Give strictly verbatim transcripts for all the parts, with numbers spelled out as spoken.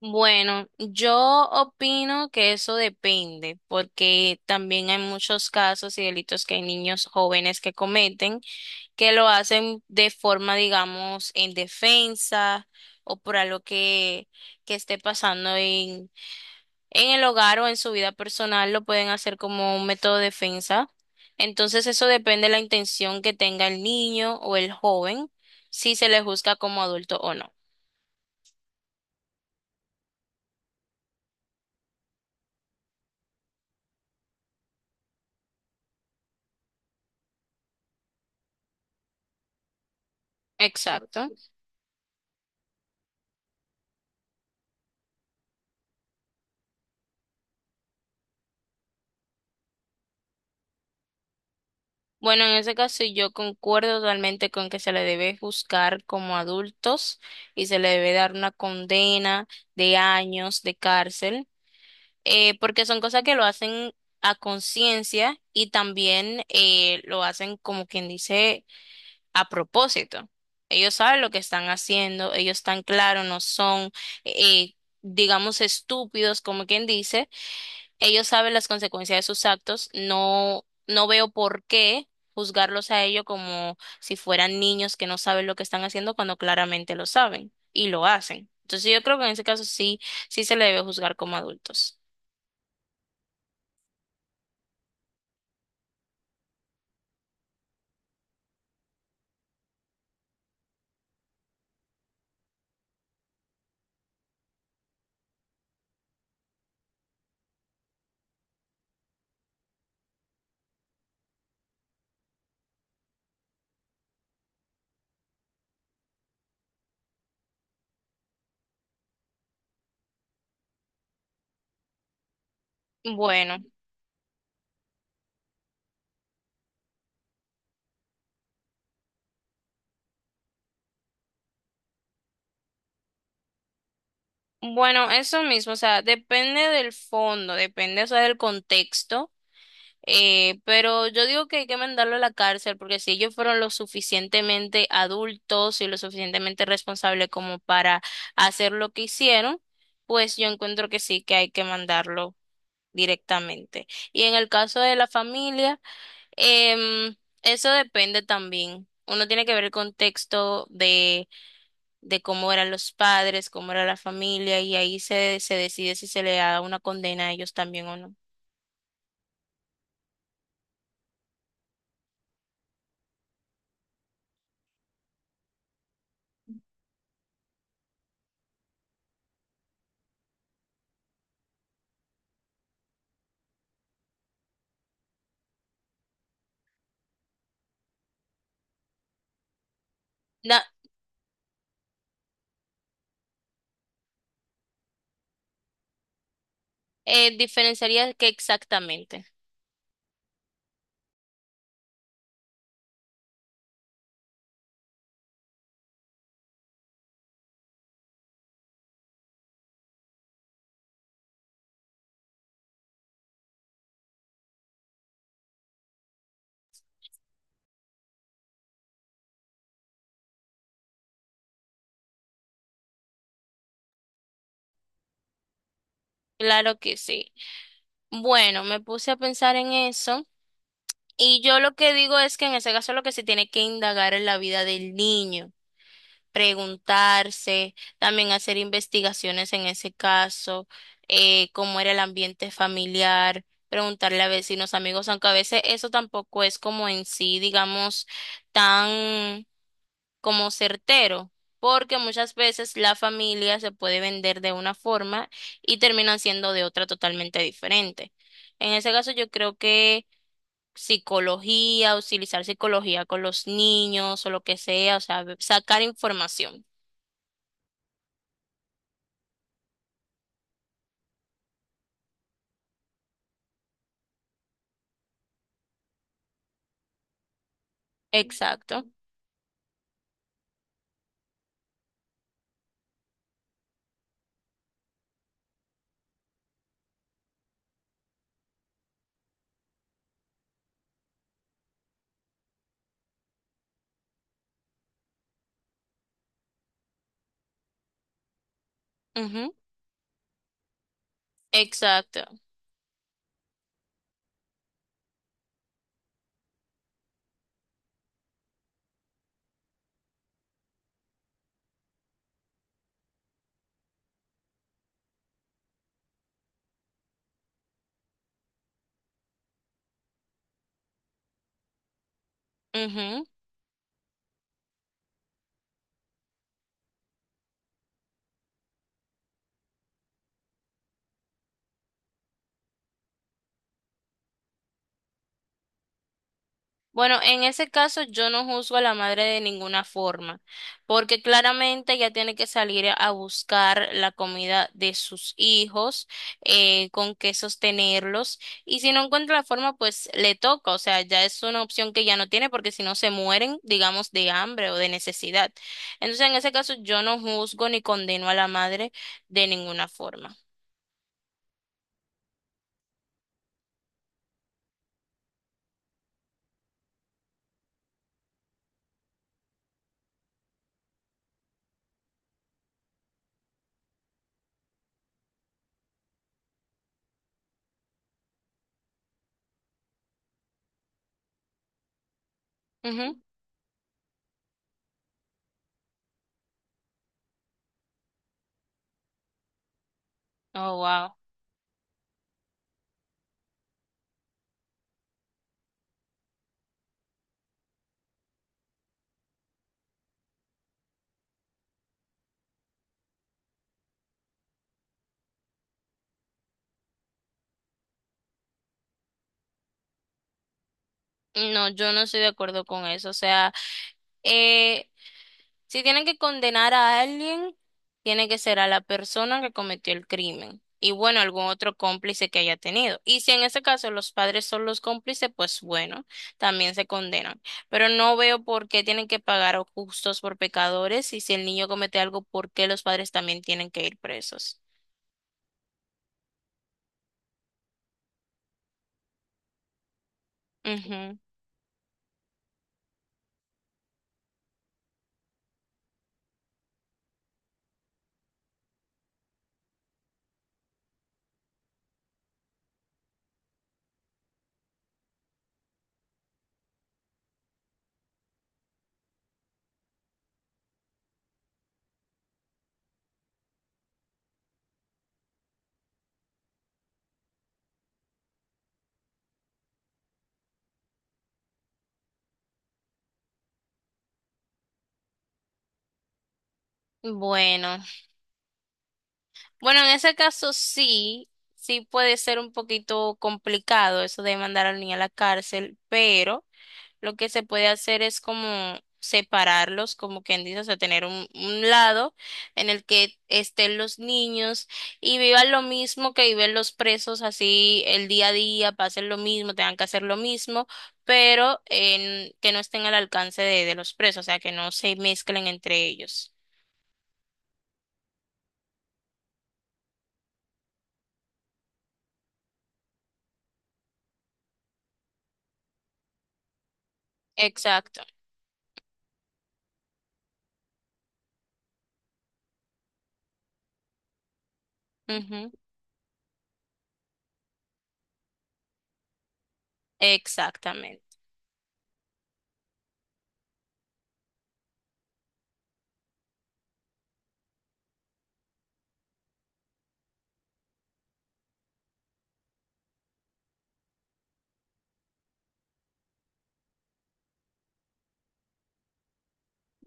Bueno, yo opino que eso depende, porque también hay muchos casos y delitos que hay niños jóvenes que cometen, que lo hacen de forma, digamos, en defensa o por algo que, que esté pasando en, en el hogar o en su vida personal, lo pueden hacer como un método de defensa. Entonces, eso depende de la intención que tenga el niño o el joven, si se le juzga como adulto o no. Exacto. Bueno, en ese caso yo concuerdo totalmente con que se le debe juzgar como adultos y se le debe dar una condena de años de cárcel, eh, porque son cosas que lo hacen a conciencia y también eh, lo hacen como quien dice a propósito. Ellos saben lo que están haciendo, ellos están claros, no son, eh, digamos, estúpidos como quien dice ellos saben las consecuencias de sus actos, no, no veo por qué juzgarlos a ellos como si fueran niños que no saben lo que están haciendo cuando claramente lo saben y lo hacen. Entonces yo creo que en ese caso sí, sí se le debe juzgar como adultos. Bueno, bueno, eso mismo, o sea, depende del fondo, depende, o sea, del contexto. Eh, pero yo digo que hay que mandarlo a la cárcel porque si ellos fueron lo suficientemente adultos y lo suficientemente responsables como para hacer lo que hicieron, pues yo encuentro que sí que hay que mandarlo directamente. Y en el caso de la familia, em, eso depende también. Uno tiene que ver el contexto de, de cómo eran los padres, cómo era la familia, y ahí se, se decide si se le da una condena a ellos también o no. Eh, diferenciaría qué exactamente. Claro que sí. Bueno, me puse a pensar en eso y yo lo que digo es que en ese caso lo que se tiene que indagar es la vida del niño, preguntarse, también hacer investigaciones en ese caso, eh, cómo era el ambiente familiar, preguntarle a vecinos, amigos, aunque a veces eso tampoco es como en sí, digamos, tan como certero, porque muchas veces la familia se puede vender de una forma y terminan siendo de otra totalmente diferente. En ese caso, yo creo que psicología, utilizar psicología con los niños o lo que sea, o sea, sacar información. Exacto. Ujú, exacto. Ujú. Bueno, en ese caso yo no juzgo a la madre de ninguna forma, porque claramente ella tiene que salir a buscar la comida de sus hijos, eh, con qué sostenerlos, y si no encuentra la forma, pues le toca, o sea, ya es una opción que ya no tiene, porque si no se mueren, digamos, de hambre o de necesidad. Entonces, en ese caso yo no juzgo ni condeno a la madre de ninguna forma. Ujú. Oh, wow. No, yo no estoy de acuerdo con eso. O sea, eh, si tienen que condenar a alguien, tiene que ser a la persona que cometió el crimen y bueno, algún otro cómplice que haya tenido. Y si en ese caso los padres son los cómplices, pues bueno, también se condenan. Pero no veo por qué tienen que pagar a justos por pecadores y si el niño comete algo, ¿por qué los padres también tienen que ir presos? Ujú. Bueno, bueno, en ese caso sí, sí puede ser un poquito complicado eso de mandar al niño a la cárcel, pero... Lo que se puede hacer es como separarlos, como quien dice, o sea, tener un, un lado en el que estén los niños y vivan lo mismo que viven los presos, así el día a día, pasen lo mismo, tengan que hacer lo mismo, pero en, que no estén al alcance de, de los presos, o sea, que no se mezclen entre ellos. Exacto. Ujú, exactamente.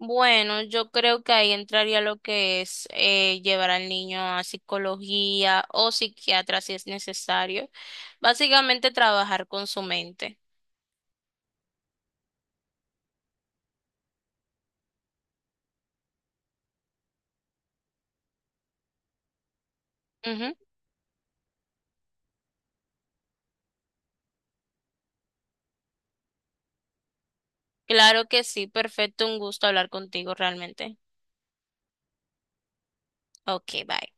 Bueno, yo creo que ahí entraría lo que es eh, llevar al niño a psicología o psiquiatra si es necesario. Básicamente trabajar con su mente. Ujú. Claro que sí, perfecto, un gusto hablar contigo realmente. Ok, bye.